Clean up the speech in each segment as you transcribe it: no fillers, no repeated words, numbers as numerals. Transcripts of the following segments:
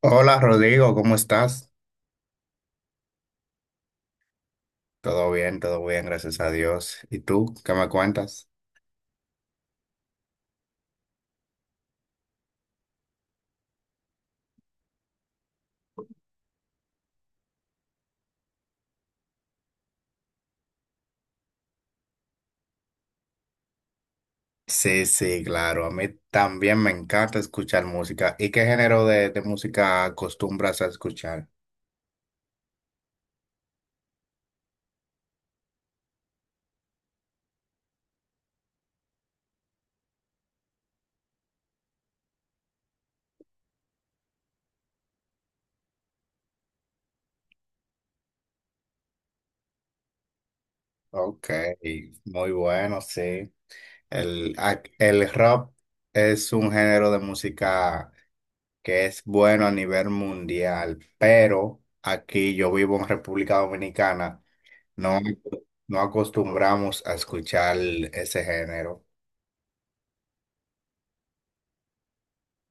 Hola Rodrigo, ¿cómo estás? Todo bien, gracias a Dios. ¿Y tú qué me cuentas? Sí, sí, claro. A mí también me encanta escuchar música. ¿Y qué género de música acostumbras a escuchar? Ok, muy bueno, sí. El rock es un género de música que es bueno a nivel mundial, pero aquí yo vivo en República Dominicana, no, no acostumbramos a escuchar ese género.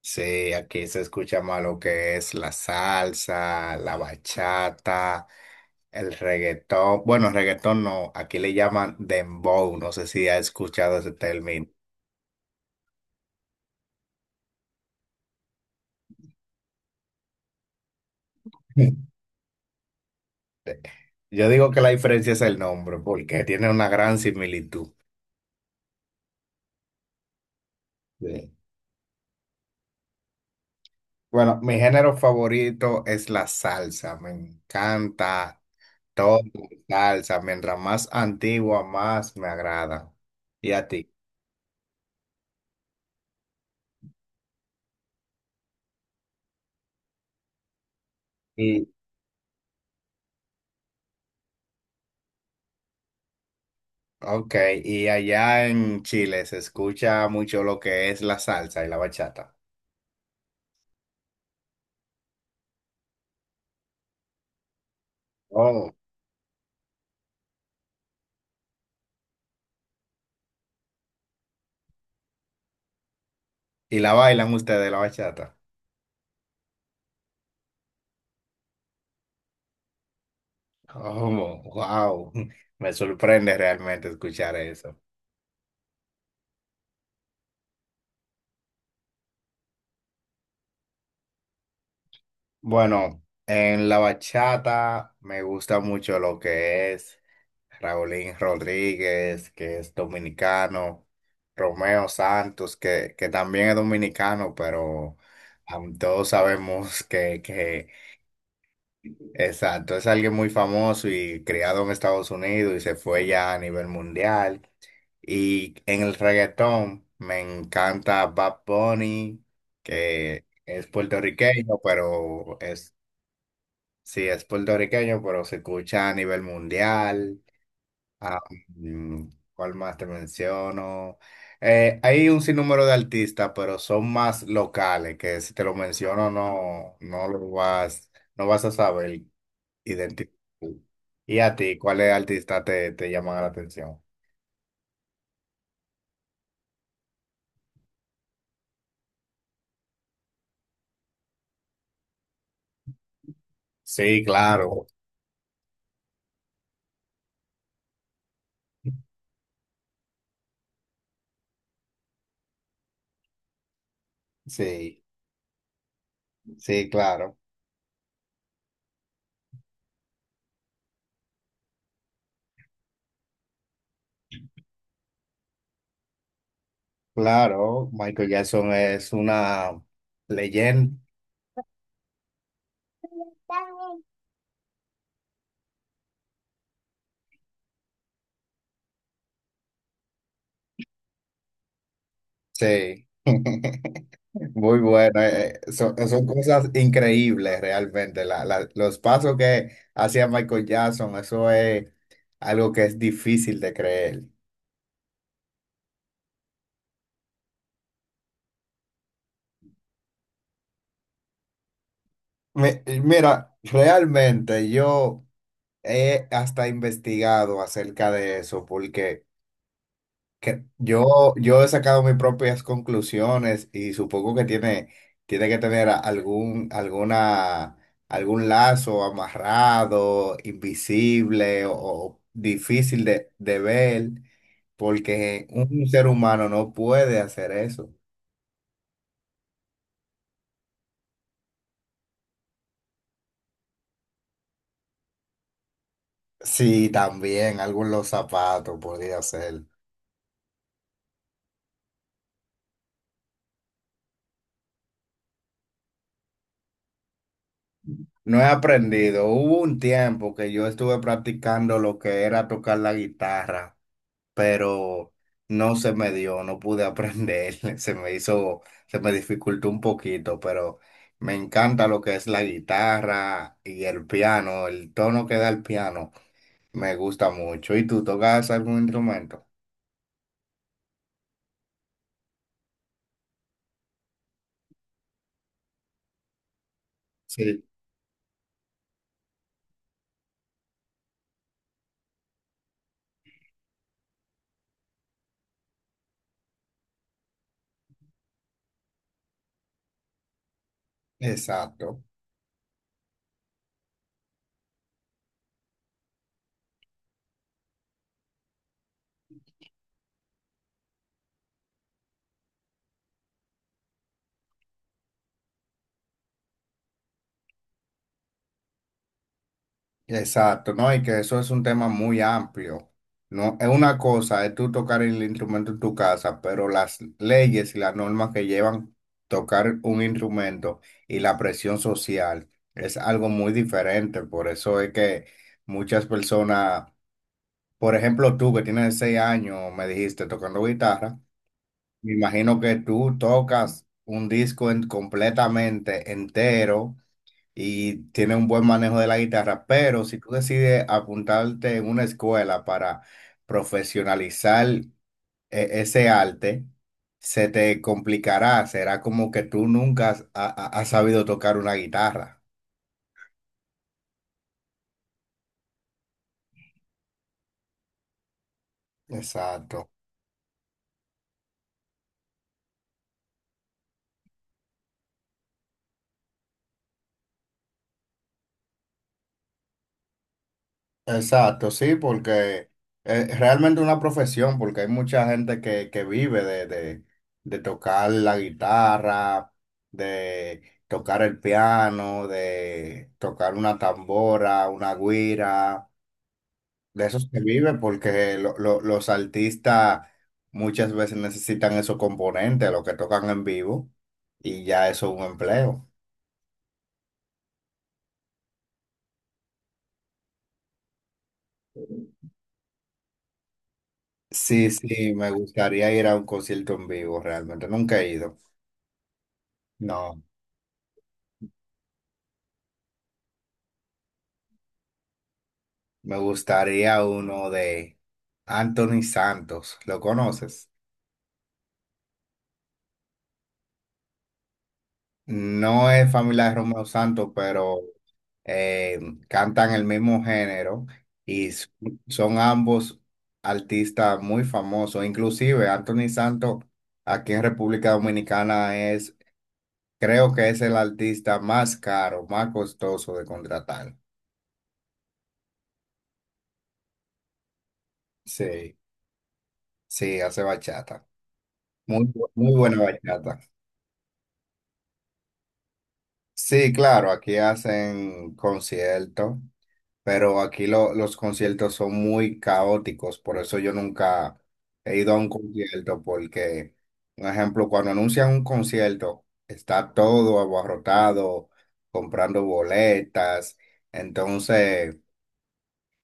Sí, aquí se escucha más lo que es la salsa, la bachata, el reggaetón. Bueno, reggaetón no, aquí le llaman dembow, no sé si ha escuchado ese término. Yo digo que la diferencia es el nombre, porque tiene una gran similitud. Sí. Bueno, mi género favorito es la salsa. Me encanta toda la salsa. Mientras más antigua, más me agrada. ¿Y a ti? Ok, y allá en Chile se escucha mucho lo que es la salsa y la bachata. Oh. ¿Y la bailan ustedes la bachata? Oh, wow. Me sorprende realmente escuchar eso. Bueno, en la bachata me gusta mucho lo que es Raulín Rodríguez, que es dominicano, Romeo Santos, que también es dominicano, pero todos sabemos que. Exacto, es alguien muy famoso y criado en Estados Unidos y se fue ya a nivel mundial. Y en el reggaetón me encanta Bad Bunny, que es puertorriqueño, pero es, sí, es puertorriqueño, pero se escucha a nivel mundial. Ah, mm, ¿Cuál más te menciono? Hay un sinnúmero de artistas, pero son más locales, que si te lo menciono no lo no vas a saber identificar. ¿Y a ti, cuáles artistas te llaman la atención? Sí, claro. Sí, sí, claro. Claro, Michael Jackson es una leyenda. Sí. Muy bueno. Son, son cosas increíbles realmente. Los pasos que hacía Michael Jackson, eso es algo que es difícil de creer. Mira, realmente yo he hasta investigado acerca de eso porque... Que yo he sacado mis propias conclusiones y supongo que tiene, tiene que tener algún, alguna, algún lazo amarrado, invisible o difícil de ver, porque un ser humano no puede hacer eso. Sí, también algunos zapatos podría ser. No he aprendido. Hubo un tiempo que yo estuve practicando lo que era tocar la guitarra, pero no se me dio, no pude aprender, se me hizo, se me dificultó un poquito, pero me encanta lo que es la guitarra y el piano, el tono que da el piano, me gusta mucho. ¿Y tú tocas algún instrumento? Sí. Exacto. Exacto, ¿no? Y que eso es un tema muy amplio. No, es una cosa, es tú tocar el instrumento en tu casa, pero las leyes y las normas que llevan tocar un instrumento y la presión social es algo muy diferente. Por eso es que muchas personas, por ejemplo, tú que tienes 6 años, me dijiste tocando guitarra, me imagino que tú tocas un disco completamente entero y tiene un buen manejo de la guitarra, pero si tú decides apuntarte en una escuela para profesionalizar ese arte, se te complicará, será como que tú nunca has sabido tocar una guitarra. Exacto. Exacto, sí, porque es realmente una profesión, porque hay mucha gente que vive de tocar la guitarra, de tocar el piano, de tocar una tambora, una guira, de eso se vive porque los artistas muchas veces necesitan esos componentes, los que tocan en vivo, y ya eso es un empleo. Sí, sí, me gustaría ir a un concierto en vivo, realmente, nunca he ido. No. Me gustaría uno de Anthony Santos. ¿Lo conoces? No es familia de Romeo Santos, pero eh, cantan el mismo género y son ambos artistas muy famosos. Inclusive Anthony Santos aquí en República Dominicana es, creo que es el artista más caro, más costoso de contratar. Sí, sí, hace bachata. Muy buena bachata. Sí, claro, aquí hacen conciertos, pero aquí los conciertos son muy caóticos, por eso yo nunca he ido a un concierto, porque, por ejemplo, cuando anuncian un concierto, está todo abarrotado, comprando boletas, entonces...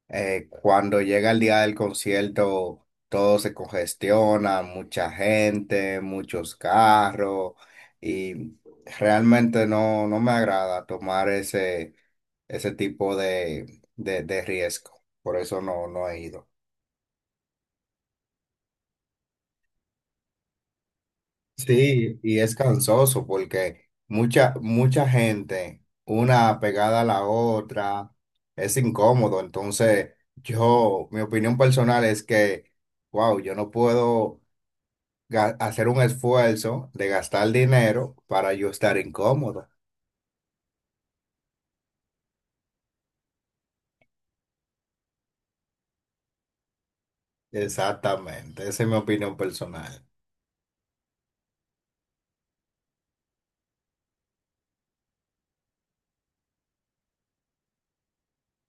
Cuando llega el día del concierto, todo se congestiona, mucha gente, muchos carros, y realmente no, no me agrada tomar ese, ese tipo de riesgo. Por eso no, no he ido. Sí, y es cansoso porque mucha, mucha gente, una pegada a la otra, es incómodo. Entonces, yo, mi opinión personal es que, wow, yo no puedo hacer un esfuerzo de gastar dinero para yo estar incómodo. Exactamente, esa es mi opinión personal.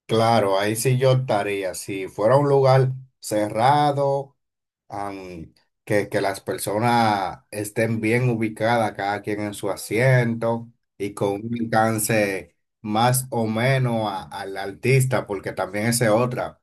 Claro, ahí sí yo estaría. Si fuera un lugar cerrado, am, que las personas estén bien ubicadas, cada quien en su asiento y con un alcance más o menos al artista, porque también esa es otra.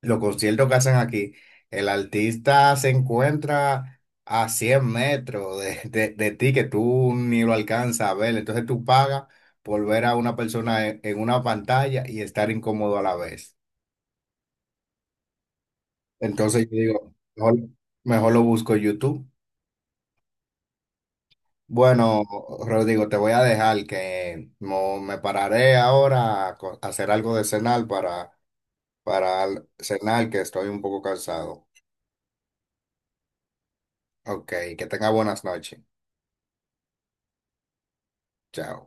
Los conciertos que hacen aquí, el artista se encuentra a 100 metros de ti que tú ni lo alcanzas a ver. Entonces tú pagas por ver a una persona en una pantalla y estar incómodo a la vez. Entonces yo digo, mejor, mejor lo busco en YouTube. Bueno, Rodrigo, te voy a dejar que me pararé ahora a a hacer algo de cenar para cenar, que estoy un poco cansado. Ok, que tenga buenas noches. Chao.